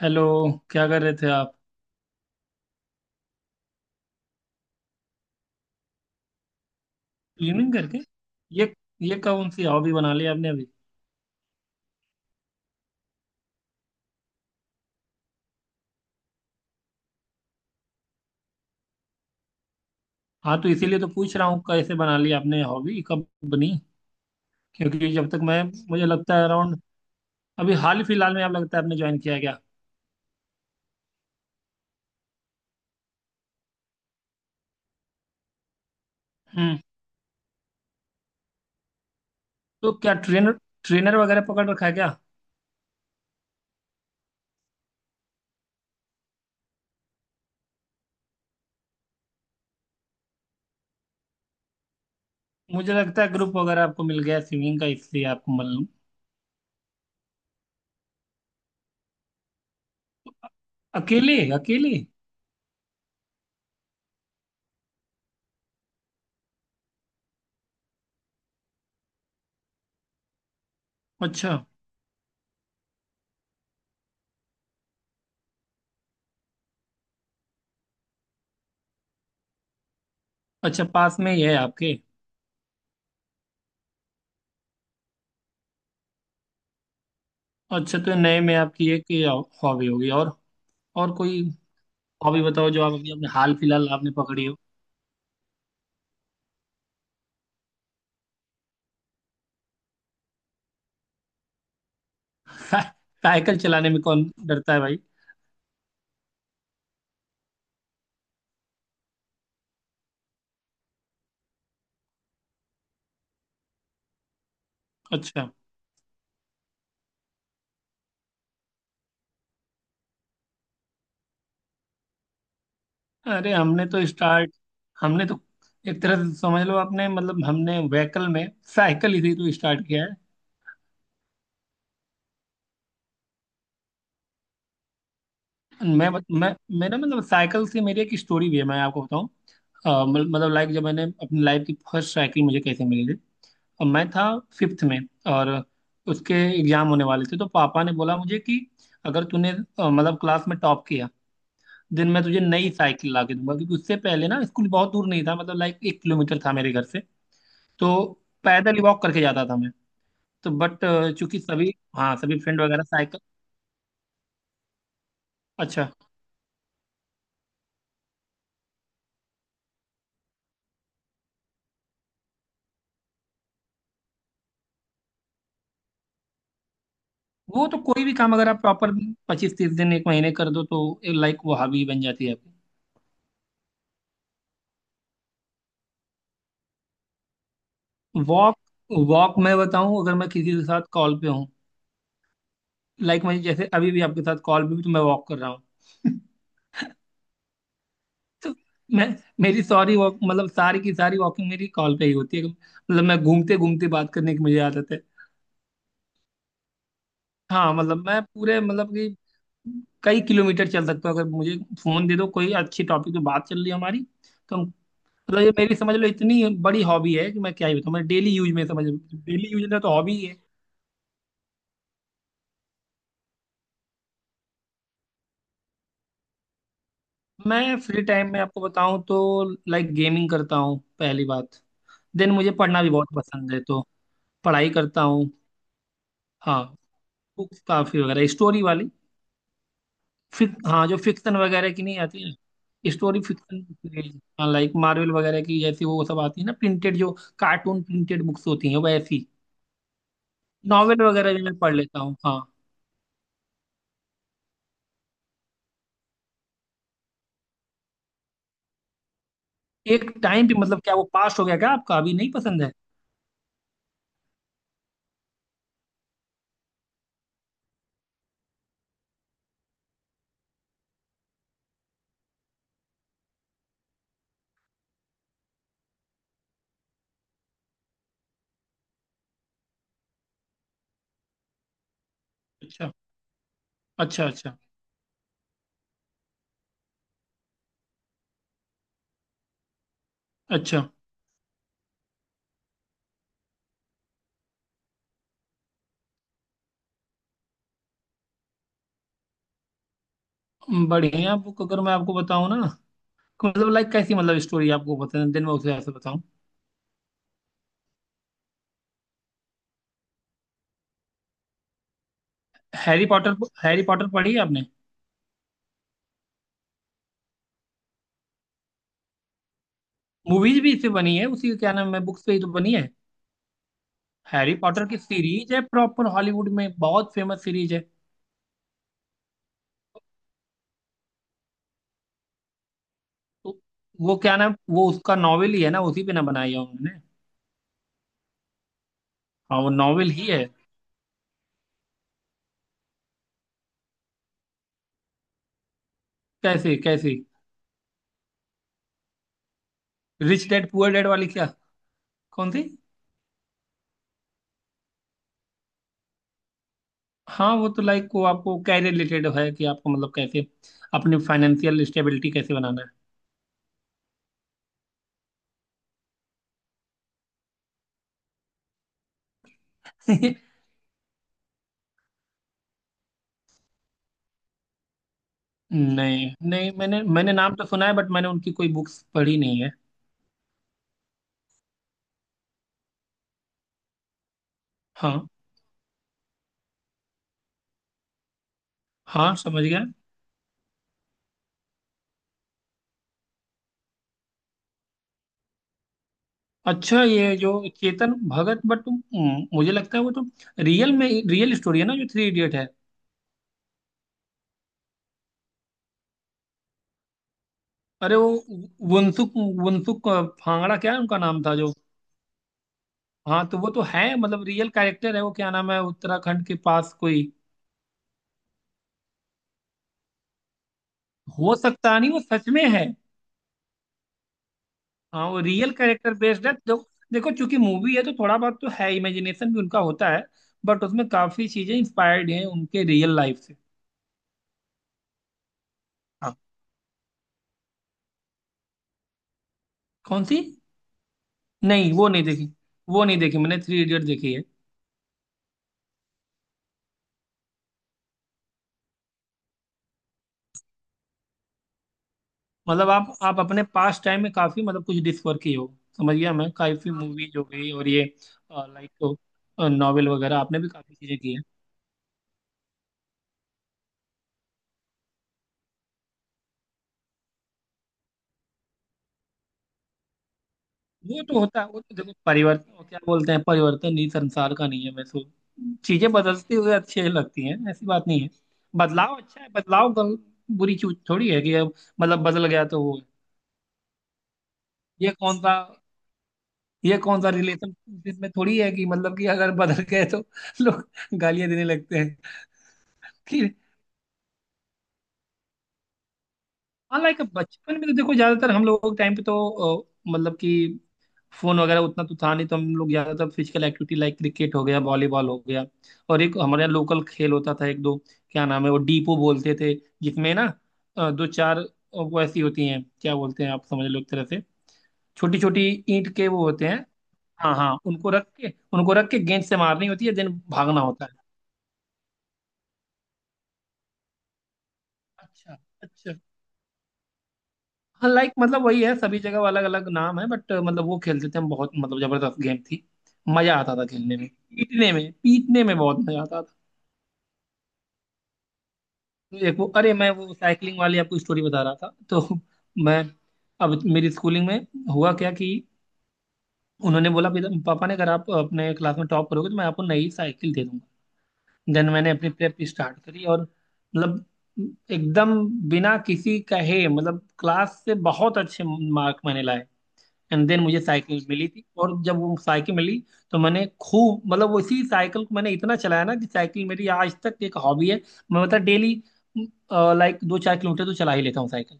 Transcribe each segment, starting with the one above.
Hello. क्या कर रहे थे आप। क्लीनिंग करके। ये ये कौन सी हॉबी बना ली आपने अभी। हाँ, तो इसीलिए तो पूछ रहा हूँ कैसे बना ली आपने, हॉबी कब बनी। क्योंकि जब तक मैं, मुझे लगता है अराउंड अभी हाल ही फिलहाल में, आप, लगता है आपने ज्वाइन किया क्या। हम्म तो क्या ट्रेनर ट्रेनर वगैरह पकड़ रखा है क्या। मुझे लगता है ग्रुप वगैरह आपको मिल गया स्विमिंग का, इसलिए आपको मालूम। अकेले अकेले। अच्छा, अच्छा, पास में ही है आपके। अच्छा, तो नए में आपकी एक हॉबी होगी, और कोई हॉबी बताओ जो आप अभी अपने हाल फिलहाल आपने पकड़ी हो। साइकिल चलाने में कौन डरता है भाई। अच्छा। अरे हमने तो स्टार्ट हमने तो एक तरह से समझ लो आपने मतलब हमने व्हीकल में साइकिल ही से तो स्टार्ट किया है। मैं बत- मैं मेरा मतलब, साइकिल से मेरी एक स्टोरी भी है, मैं आपको बताऊं। मतलब लाइक जब मैंने अपनी लाइफ की फर्स्ट साइकिल मुझे कैसे मिली थी, और मैं था फिफ्थ में, और उसके एग्जाम होने वाले थे, तो पापा ने बोला मुझे कि अगर तूने मतलब क्लास में टॉप किया, दिन मैं तुझे नई साइकिल ला के दूंगा, क्योंकि उससे पहले ना स्कूल बहुत दूर नहीं था, मतलब लाइक 1 किलोमीटर था मेरे घर से। तो पैदल ही वॉक करके जाता था मैं। तो बट, चूंकि सभी फ्रेंड वगैरह साइकिल। अच्छा। वो तो, कोई भी काम अगर आप प्रॉपर 25-30 दिन, 1 महीने कर दो, तो लाइक वो हॉबी बन जाती है आपकी। वॉक वॉक मैं बताऊं, अगर मैं किसी के साथ कॉल पे हूँ, लाइक मैं जैसे अभी भी आपके साथ कॉल पे, भी तो मैं वॉक कर रहा हूँ। तो मैं मेरी सॉरी, वॉक मतलब सारी की सारी वॉकिंग मेरी कॉल पे ही होती है। मतलब मैं घूमते घूमते बात करने की मुझे आदत है। हाँ मतलब मैं पूरे, मतलब कि कई किलोमीटर चल सकता हूँ, अगर मुझे फोन दे दो, कोई अच्छी टॉपिक पे बात चल रही है हमारी, तो हम मतलब, ये मेरी समझ लो इतनी बड़ी हॉबी है कि मैं क्या ही बताऊँ। मैं डेली यूज में समझ डेली यूज में तो हॉबी ही है। मैं फ्री टाइम में आपको बताऊं तो लाइक गेमिंग करता हूँ पहली बात। देन मुझे पढ़ना भी बहुत पसंद है, तो पढ़ाई करता हूँ। हाँ। बुक्स काफी वगैरह, स्टोरी वाली। फिक हाँ, जो फिक्शन वगैरह की नहीं आती है स्टोरी, फिक्शन। हाँ लाइक मार्वल वगैरह की, जैसी वो सब आती है ना प्रिंटेड जो कार्टून प्रिंटेड बुक्स होती हैं, वैसी। नॉवेल वगैरह भी मैं पढ़ लेता हूँ हाँ। एक टाइम भी मतलब, क्या वो पास्ट हो गया क्या आपका, अभी नहीं पसंद है। अच्छा, अच्छा। अच्छा, अच्छा। बढ़िया बुक अगर मैं आपको बताऊँ ना, मतलब लाइक कैसी, मतलब स्टोरी आपको पसंद है दिन में उसे ऐसे बताऊँ। Harry Potter. हैरी पॉटर पढ़ी है आपने। मूवीज भी इससे बनी है, उसी का क्या नाम है, बुक्स पे ही तो बनी है। हैरी पॉटर की सीरीज है, प्रॉपर हॉलीवुड में बहुत फेमस सीरीज है। तो वो क्या नाम, वो उसका नॉवेल ही है ना, उसी पे ना बनाई है उन्होंने। हाँ वो नॉवेल ही है। कैसे कैसे। रिच डैड पुअर डैड वाली क्या। कौन सी। हाँ वो तो लाइक, वो आपको क्या रिलेटेड है कि आपको, मतलब कैसे अपनी फाइनेंशियल स्टेबिलिटी कैसे बनाना है। नहीं नहीं, मैंने मैंने नाम तो सुना है, बट मैंने उनकी कोई बुक्स पढ़ी नहीं है। हाँ हाँ, समझ गया। अच्छा, ये जो चेतन भगत, बट मुझे लगता है वो तो रियल में, रियल स्टोरी है ना जो थ्री इडियट है। अरे वो, वंसुक वंसुक फांगड़ा क्या है उनका नाम था जो। हाँ तो वो तो है मतलब रियल कैरेक्टर है, वो क्या नाम है, उत्तराखंड के पास कोई। हो सकता नहीं, वो सच में है। हाँ वो रियल कैरेक्टर बेस्ड है, तो देखो चूंकि मूवी है तो थोड़ा बहुत तो है इमेजिनेशन भी उनका होता है, बट उसमें काफी चीजें इंस्पायर्ड हैं उनके रियल लाइफ से। हाँ। कौन सी। नहीं वो नहीं देखी। वो नहीं देखी मैंने, थ्री इडियट देखी है। मतलब आप अपने पास टाइम में काफी, मतलब कुछ डिस्कवर किए हो, समझ गया, मैं काफी मूवीज हो गई, और ये लाइक नॉवेल वगैरह आपने भी काफी चीजें की है। वो तो होता है, वो तो देखो परिवर्तन क्या बोलते हैं, परिवर्तन ही संसार का, नहीं है वैसे, चीजें बदलती हुई अच्छी लगती हैं, ऐसी बात नहीं है। बदलाव अच्छा है, बदलाव बुरी चीज थोड़ी है, कि अब, मतलब बदल गया तो वो है। ये कौन सा ये कौन सा रिलेशन में थोड़ी है कि मतलब कि अगर बदल गए तो लोग गालियां देने लगते हैं। हाँ लाइक बचपन में तो देखो ज्यादातर हम लोगों के टाइम पे तो मतलब कि फोन वगैरह उतना तो था नहीं, तो हम लोग ज्यादातर फिजिकल एक्टिविटी, लाइक क्रिकेट हो गया, वॉलीबॉल हो गया, और एक हमारे यहाँ लोकल खेल होता था, एक दो, क्या नाम है वो, डीपो बोलते थे, जिसमें ना दो चार वो ऐसी होती हैं, क्या बोलते हैं आप, समझ लो एक तरह से छोटी छोटी ईंट के वो होते हैं। हाँ हाँ, उनको रख के, उनको रख के गेंद से मारनी होती है, देन भागना होता है। अच्छा, अच्छा। लाइक मतलब वही है, सभी जगह अलग अलग नाम है, बट मतलब वो खेलते थे हम बहुत, मतलब जबरदस्त गेम थी, मजा आता था खेलने में। पीटने में, पीटने में बहुत मजा आता था। तो एक वो, अरे मैं वो साइकिलिंग वाली आपको स्टोरी बता रहा था तो, मैं, अब मेरी स्कूलिंग में हुआ क्या कि उन्होंने बोला, पापा ने, अगर आप अपने क्लास में टॉप करोगे तो मैं आपको नई साइकिल दे दूंगा।" देन मैंने अपनी प्रेप स्टार्ट करी, और मतलब एकदम, बिना किसी कहे मतलब क्लास से बहुत अच्छे मार्क मैंने लाए, एंड देन मुझे साइकिल मिली थी। और जब वो साइकिल मिली तो मैंने खूब, मतलब वो, इसी साइकिल को मैंने इतना चलाया ना कि साइकिल मेरी आज तक एक हॉबी है। मैं मतलब डेली लाइक दो चार किलोमीटर तो चला ही लेता हूँ साइकिल,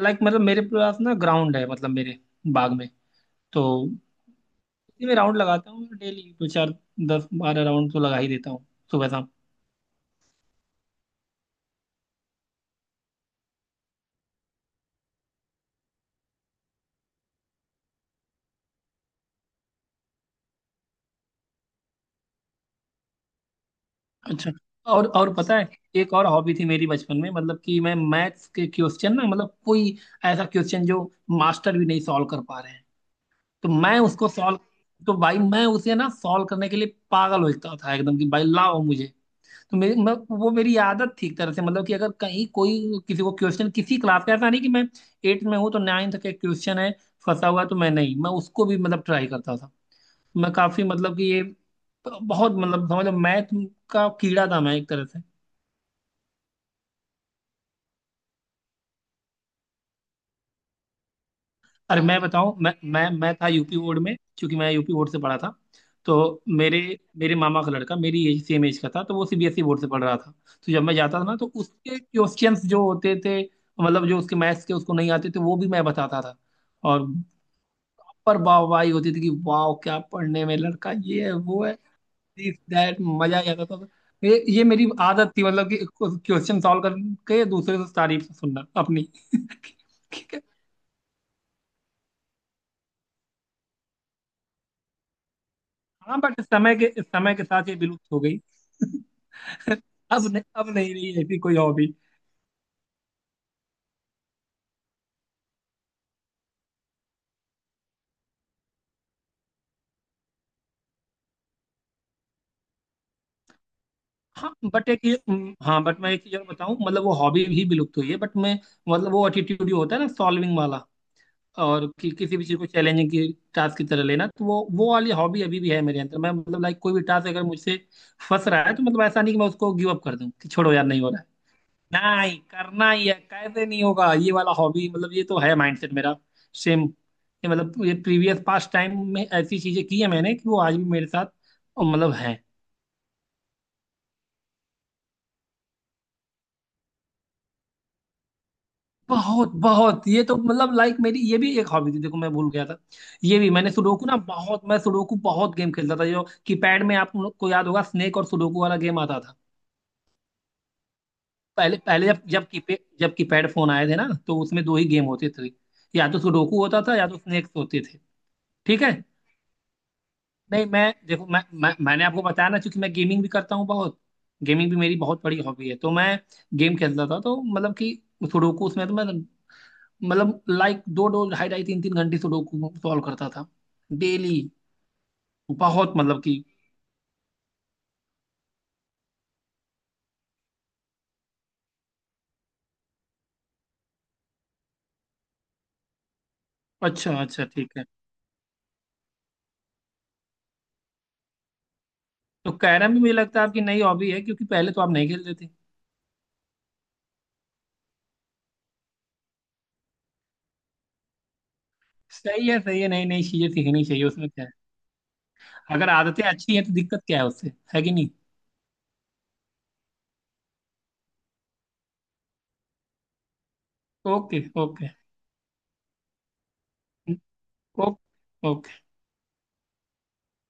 लाइक मतलब मेरे पास ना ग्राउंड है, मतलब मेरे बाग में, तो इसी में राउंड लगाता हूँ डेली, दो चार, 10-12 राउंड तो लगा ही देता हूँ सुबह शाम। अच्छा। और पता है, एक और हॉबी थी मेरी बचपन में, मतलब कि मैं मैथ्स के क्वेश्चन ना, मतलब कोई ऐसा क्वेश्चन जो मास्टर भी नहीं सॉल्व कर पा रहे हैं, तो मैं उसको सॉल्व तो भाई मैं उसे ना सॉल्व करने के लिए पागल होता था एकदम, कि भाई लाओ मुझे। तो वो मेरी आदत थी एक तरह से, मतलब कि अगर कहीं कोई, किसी को क्वेश्चन, किसी क्लास का, ऐसा नहीं कि मैं एट्थ में हूँ तो नाइन्थ का क्वेश्चन है फंसा हुआ है, तो मैं नहीं, मैं उसको भी मतलब ट्राई करता था। मैं काफी, मतलब कि ये बहुत, मतलब समझो मैथ का कीड़ा था मैं एक तरह से। अरे मैं बताऊं, मैं मैं था यूपी बोर्ड में, क्योंकि मैं यूपी बोर्ड से पढ़ा था। तो मेरे मेरे मामा का लड़का मेरी एज, सेम एज का था, तो वो सीबीएसई बोर्ड से पढ़ रहा था। तो जब मैं जाता था ना, तो उसके क्वेश्चंस जो होते थे, मतलब जो उसके मैथ्स के उसको नहीं आते थे, वो भी मैं बताता था। और, पर वाहवाही होती थी कि वाह क्या पढ़ने में लड़का, ये है वो है, दिस दैट, मजा ही आता था। ये मेरी आदत थी, मतलब कि क्वेश्चन सॉल्व करके दूसरे से तारीफ सुनना अपनी। हाँ बट, समय के साथ ये विलुप्त हो गई। अब नहीं, अब नहीं रही ऐसी कोई हॉबी। हाँ बट एक ये, हाँ बट मैं एक चीज और बताऊँ, मतलब वो हॉबी भी विलुप्त हुई है बट मैं, मतलब वो एटीट्यूड जो होता है ना सॉल्विंग वाला, किसी भी चीज को चैलेंजिंग की, टास्क की तरह लेना, तो वो वाली हॉबी अभी भी है मेरे अंदर। मैं मतलब लाइक कोई भी टास्क अगर मुझसे फंस रहा है, तो मतलब ऐसा नहीं कि मैं उसको गिव अप कर दूं, कि छोड़ो यार नहीं हो, नहीं, करना ही है, कैसे नहीं होगा, ये वाला हॉबी मतलब ये तो है माइंडसेट मेरा। सेम, ये मतलब ये प्रीवियस पास्ट टाइम में ऐसी चीजें की है मैंने कि वो आज भी मेरे साथ मतलब है। बहुत बहुत, ये तो मतलब लाइक मेरी ये भी एक हॉबी थी, देखो मैं भूल गया था। ये भी, मैंने सुडोकू ना बहुत, मैं सुडोकू बहुत गेम खेलता था, जो कीपैड में आप लोग को याद होगा, स्नेक और सुडोकू वाला गेम आता था। पहले पहले जब जब कीपैड फोन आए थे ना, तो उसमें दो ही गेम होते थे, या तो सुडोकू होता था या तो स्नेक्स होते थे। ठीक है। नहीं मैं देखो, मैं मैंने आपको बताया ना, क्योंकि मैं गेमिंग भी करता हूँ बहुत, गेमिंग भी मेरी बहुत बड़ी हॉबी है, तो मैं गेम खेलता था, तो मतलब कि सुडोकू उसमें तो मैं मतलब लाइक दो दो, ढाई ढाई, तीन तीन घंटे सुडोकू सॉल्व करता था डेली, बहुत मतलब कि। अच्छा, अच्छा। ठीक है। तो कैरम भी मुझे लगता है आपकी नई हॉबी है, क्योंकि पहले तो आप नहीं खेलते थे। सही है, सही है, नई नई चीजें सीखनी चाहिए, उसमें क्या है। अगर आदतें अच्छी हैं तो दिक्कत क्या है, उससे है कि नहीं। Okay, okay. ओके। ओके।